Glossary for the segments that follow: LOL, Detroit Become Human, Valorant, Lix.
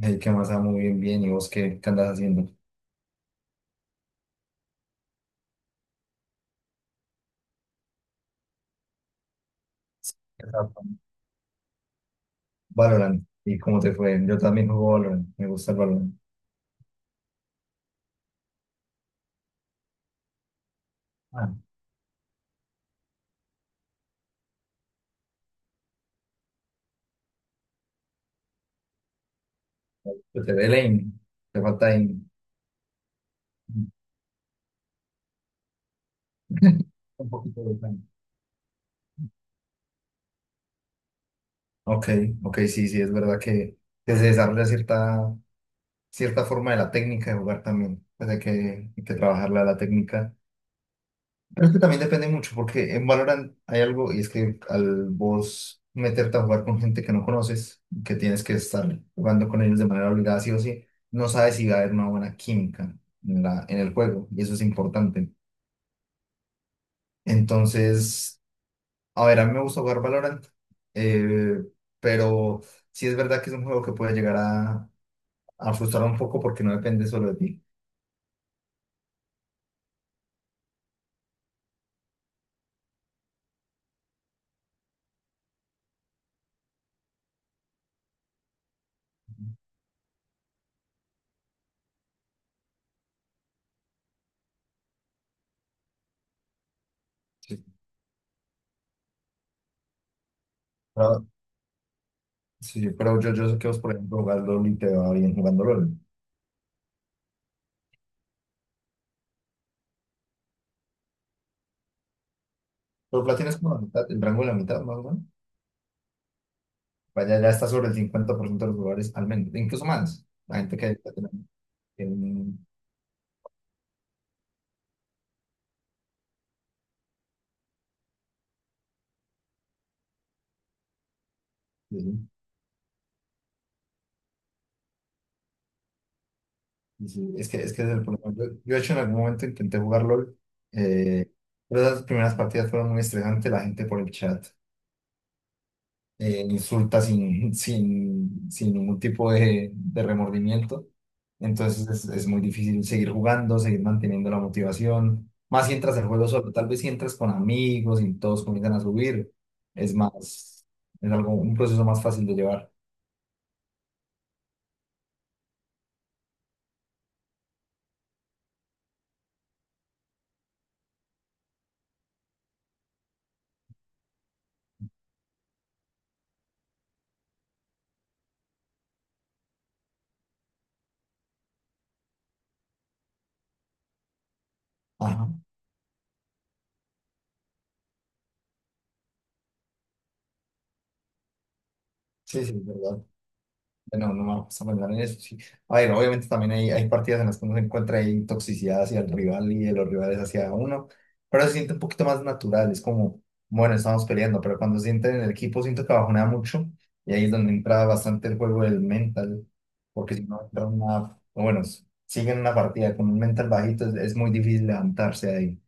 Hey, ¿qué más? Muy bien, bien. ¿Y vos qué andas haciendo? Exacto. Valorant. ¿Y cómo te fue? Yo también juego Valorant. Me gusta el Valorant. Ah, Yo te ve lane. Te falta aim. Un poquito de plan. Ok, ok, sí, sí, es verdad que se desarrolla cierta forma de la técnica de jugar también. Pues hay que trabajarla la técnica. Creo que también depende mucho, porque en Valorant hay algo, y es que al vos meterte a jugar con gente que no conoces, que tienes que estar jugando con ellos de manera obligada, sí o sí, no sabes si va a haber una buena química en el juego, y eso es importante. Entonces, a ver, a mí me gusta jugar Valorant, eh, pero sí es verdad que es un juego que puede llegar a frustrar un poco porque no depende solo de ti. Sí, pero, sí, pero yo sé que vos, por ejemplo, jugando LOL y te va bien jugando LOL. Los platinos es como la mitad, el rango de la mitad, más o menos. Vaya, ya está sobre el 50% de los lugares, al menos, incluso más. La gente que hay Platino. en- en- sí, sí, es que, es que es el problema. Yo, de hecho, en algún momento intenté jugar LOL, eh, pero esas primeras partidas fueron muy estresantes, la gente por el chat. Insulta sin ningún tipo de remordimiento. Entonces es muy difícil seguir jugando, seguir manteniendo la motivación. Más si entras al juego solo, tal vez si entras con amigos y todos comienzan a subir, es más, es algo, un proceso más fácil de llevar. Ajá. Sí, sí, es verdad. Bueno, no, no vamos a pensar en eso. Sí. A ver, obviamente también hay partidas en las que uno se encuentra ahí toxicidad hacia el rival y de los rivales hacia uno, pero se siente un poquito más natural. Es como, bueno, estamos peleando, pero cuando se siente en el equipo, siento que bajonea mucho y ahí es donde entra bastante el juego del mental, porque si no entra una, o bueno, sigue en una partida con un mental bajito, es muy difícil levantarse ahí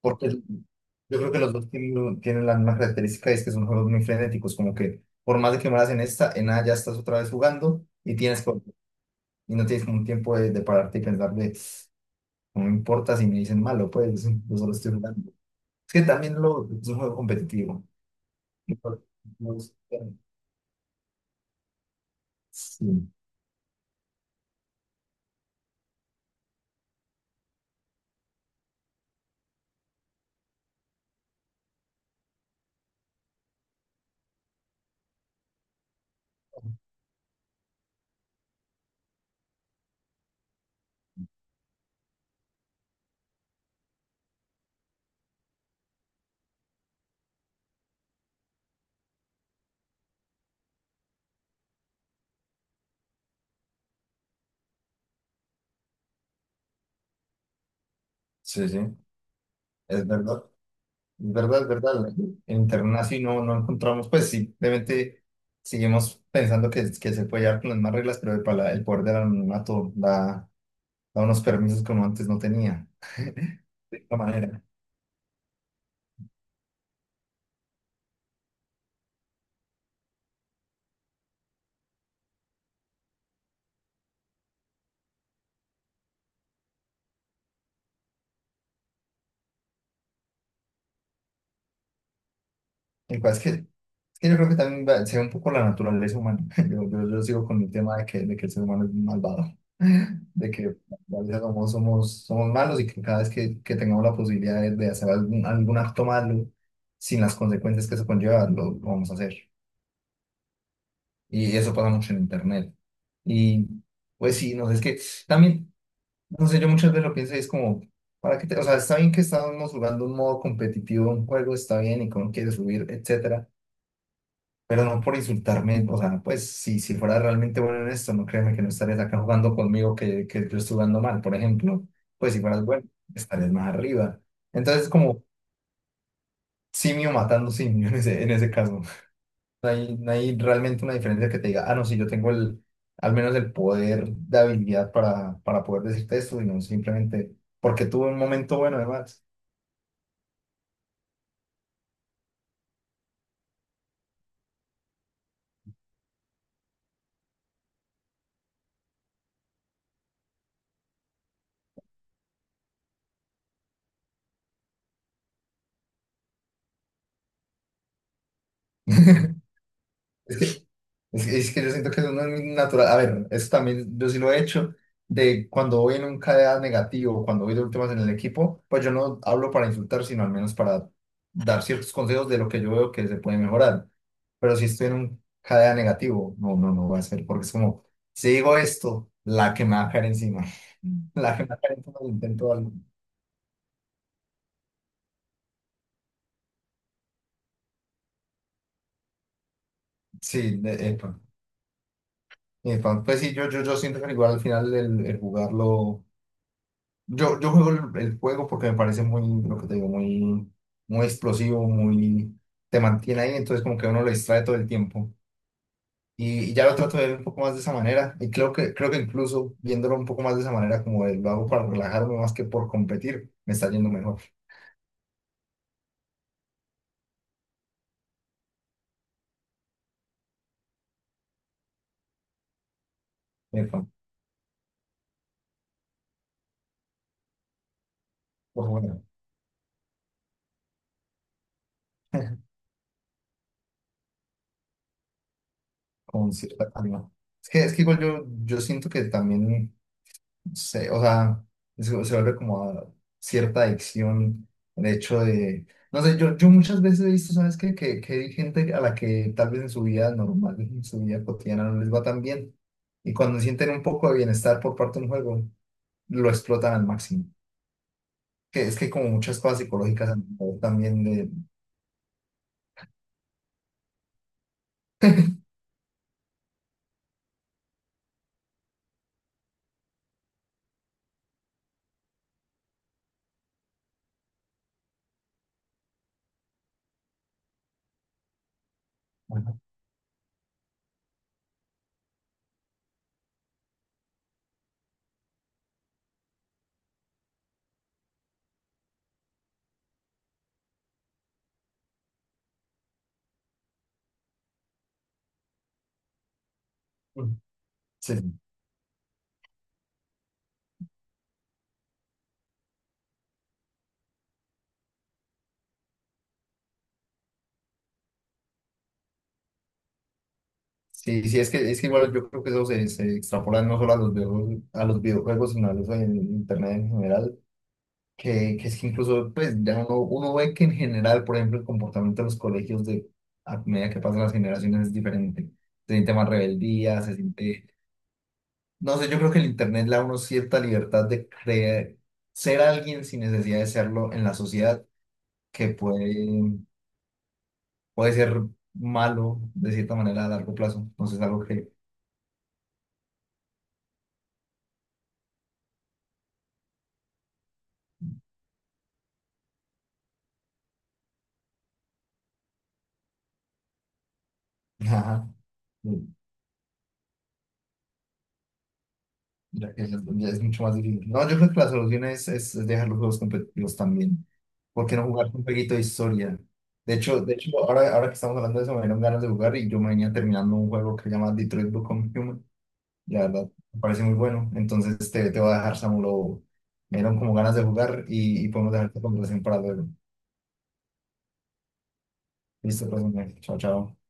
porque yo creo que los dos tienen, tienen la misma característica y es que son juegos muy frenéticos, como que por más de que mueras en esta, en nada ya estás otra vez jugando y tienes y no tienes como un tiempo de pararte y pensar de, no me importa si me dicen malo, pues yo solo estoy jugando. Es que también lo, es un juego competitivo. Entonces, sí, sí, sí, es verdad. ¿Verdad? ¿Verdad? En Ternaci no, no encontramos, pues simplemente seguimos pensando que se puede llevar con las más reglas, pero el poder del anonimato da, da unos permisos que uno antes no tenía, de esta manera. El cual es que yo creo que también se ve un poco la naturaleza humana. Yo sigo con el tema de que el ser humano es malvado, de que a veces somos malos y que cada vez que tengamos la posibilidad de hacer algún acto malo sin las consecuencias que eso conlleva, lo vamos a hacer. Y eso pasa mucho en internet. Y pues sí, no sé, es que también, no sé, yo muchas veces lo pienso y es como, O sea, está bien que estamos jugando un modo competitivo, un juego, está bien y cómo quieres subir, etcétera, pero no por insultarme, o sea, pues sí, si fuera realmente bueno en esto, no créeme que no estarías acá jugando conmigo que yo estoy jugando mal, por ejemplo, pues si fueras bueno, estarías más arriba. Entonces, como simio matando simio en ese caso. No hay, no hay realmente una diferencia que te diga, ah, no, sí, yo tengo el, al menos el poder de habilidad para poder decirte esto, sino simplemente porque tuve un momento bueno, además. Es que, es que yo siento que eso no es natural. A ver, eso también yo sí lo he hecho. De cuando voy en un KDA negativo, cuando voy de últimas en el equipo, pues yo no hablo para insultar, sino al menos para dar ciertos consejos de lo que yo veo que se puede mejorar. Pero si estoy en un KDA negativo, no, no, no va a ser, porque es como, si digo esto, la que me va a caer encima. Mm. La que me va a caer encima del intento. Sí, epa, epa. Pues pues sí, yo siento que igual al final el jugarlo. Yo juego el juego porque me parece muy, lo que te digo, muy, muy explosivo, muy, te mantiene ahí, entonces como que uno lo distrae todo el tiempo. Y ya lo trato de ver un poco más de esa manera. Y creo que incluso viéndolo un poco más de esa manera, como lo hago para relajarme más que por competir, me está yendo mejor. Epa, pues bueno, con cierta calma. Es que igual yo, yo siento que también o sea, se vuelve como a cierta adicción, el hecho de, no sé, yo muchas veces he visto, ¿sabes qué? Que hay gente a la que tal vez en su vida normal, en su vida cotidiana no les va tan bien, y cuando sienten un poco de bienestar por parte de un juego, lo explotan al máximo. Que es que como muchas cosas psicológicas también de... Ajá. Sí, sí, sí, es que igual yo creo que eso se, se extrapola no solo a los videojuegos, sino a eso en internet en general que es que incluso pues ya uno, uno ve que en general, por ejemplo, el comportamiento de los colegios de, a medida que pasan las generaciones es diferente. Se siente más rebeldía, se siente, no sé, yo creo que el internet le da a uno cierta libertad de creer, ser alguien sin necesidad de serlo en la sociedad, que puede, puede ser malo de cierta manera a largo plazo. Entonces es algo que, ajá, ya que es, ya es mucho más difícil. No, yo creo que la solución es, es dejar los juegos competitivos también. ¿Por qué no jugar un jueguito de historia? De hecho ahora, ahora que estamos hablando de eso, me dieron ganas de jugar y yo me venía terminando un juego que se llama Detroit Become Human. Y la verdad, me parece muy bueno. Entonces te voy a dejar, Samuel. Me dieron como ganas de jugar y podemos dejar esta conversación para luego. Listo, pues, hombre. Chao, chao.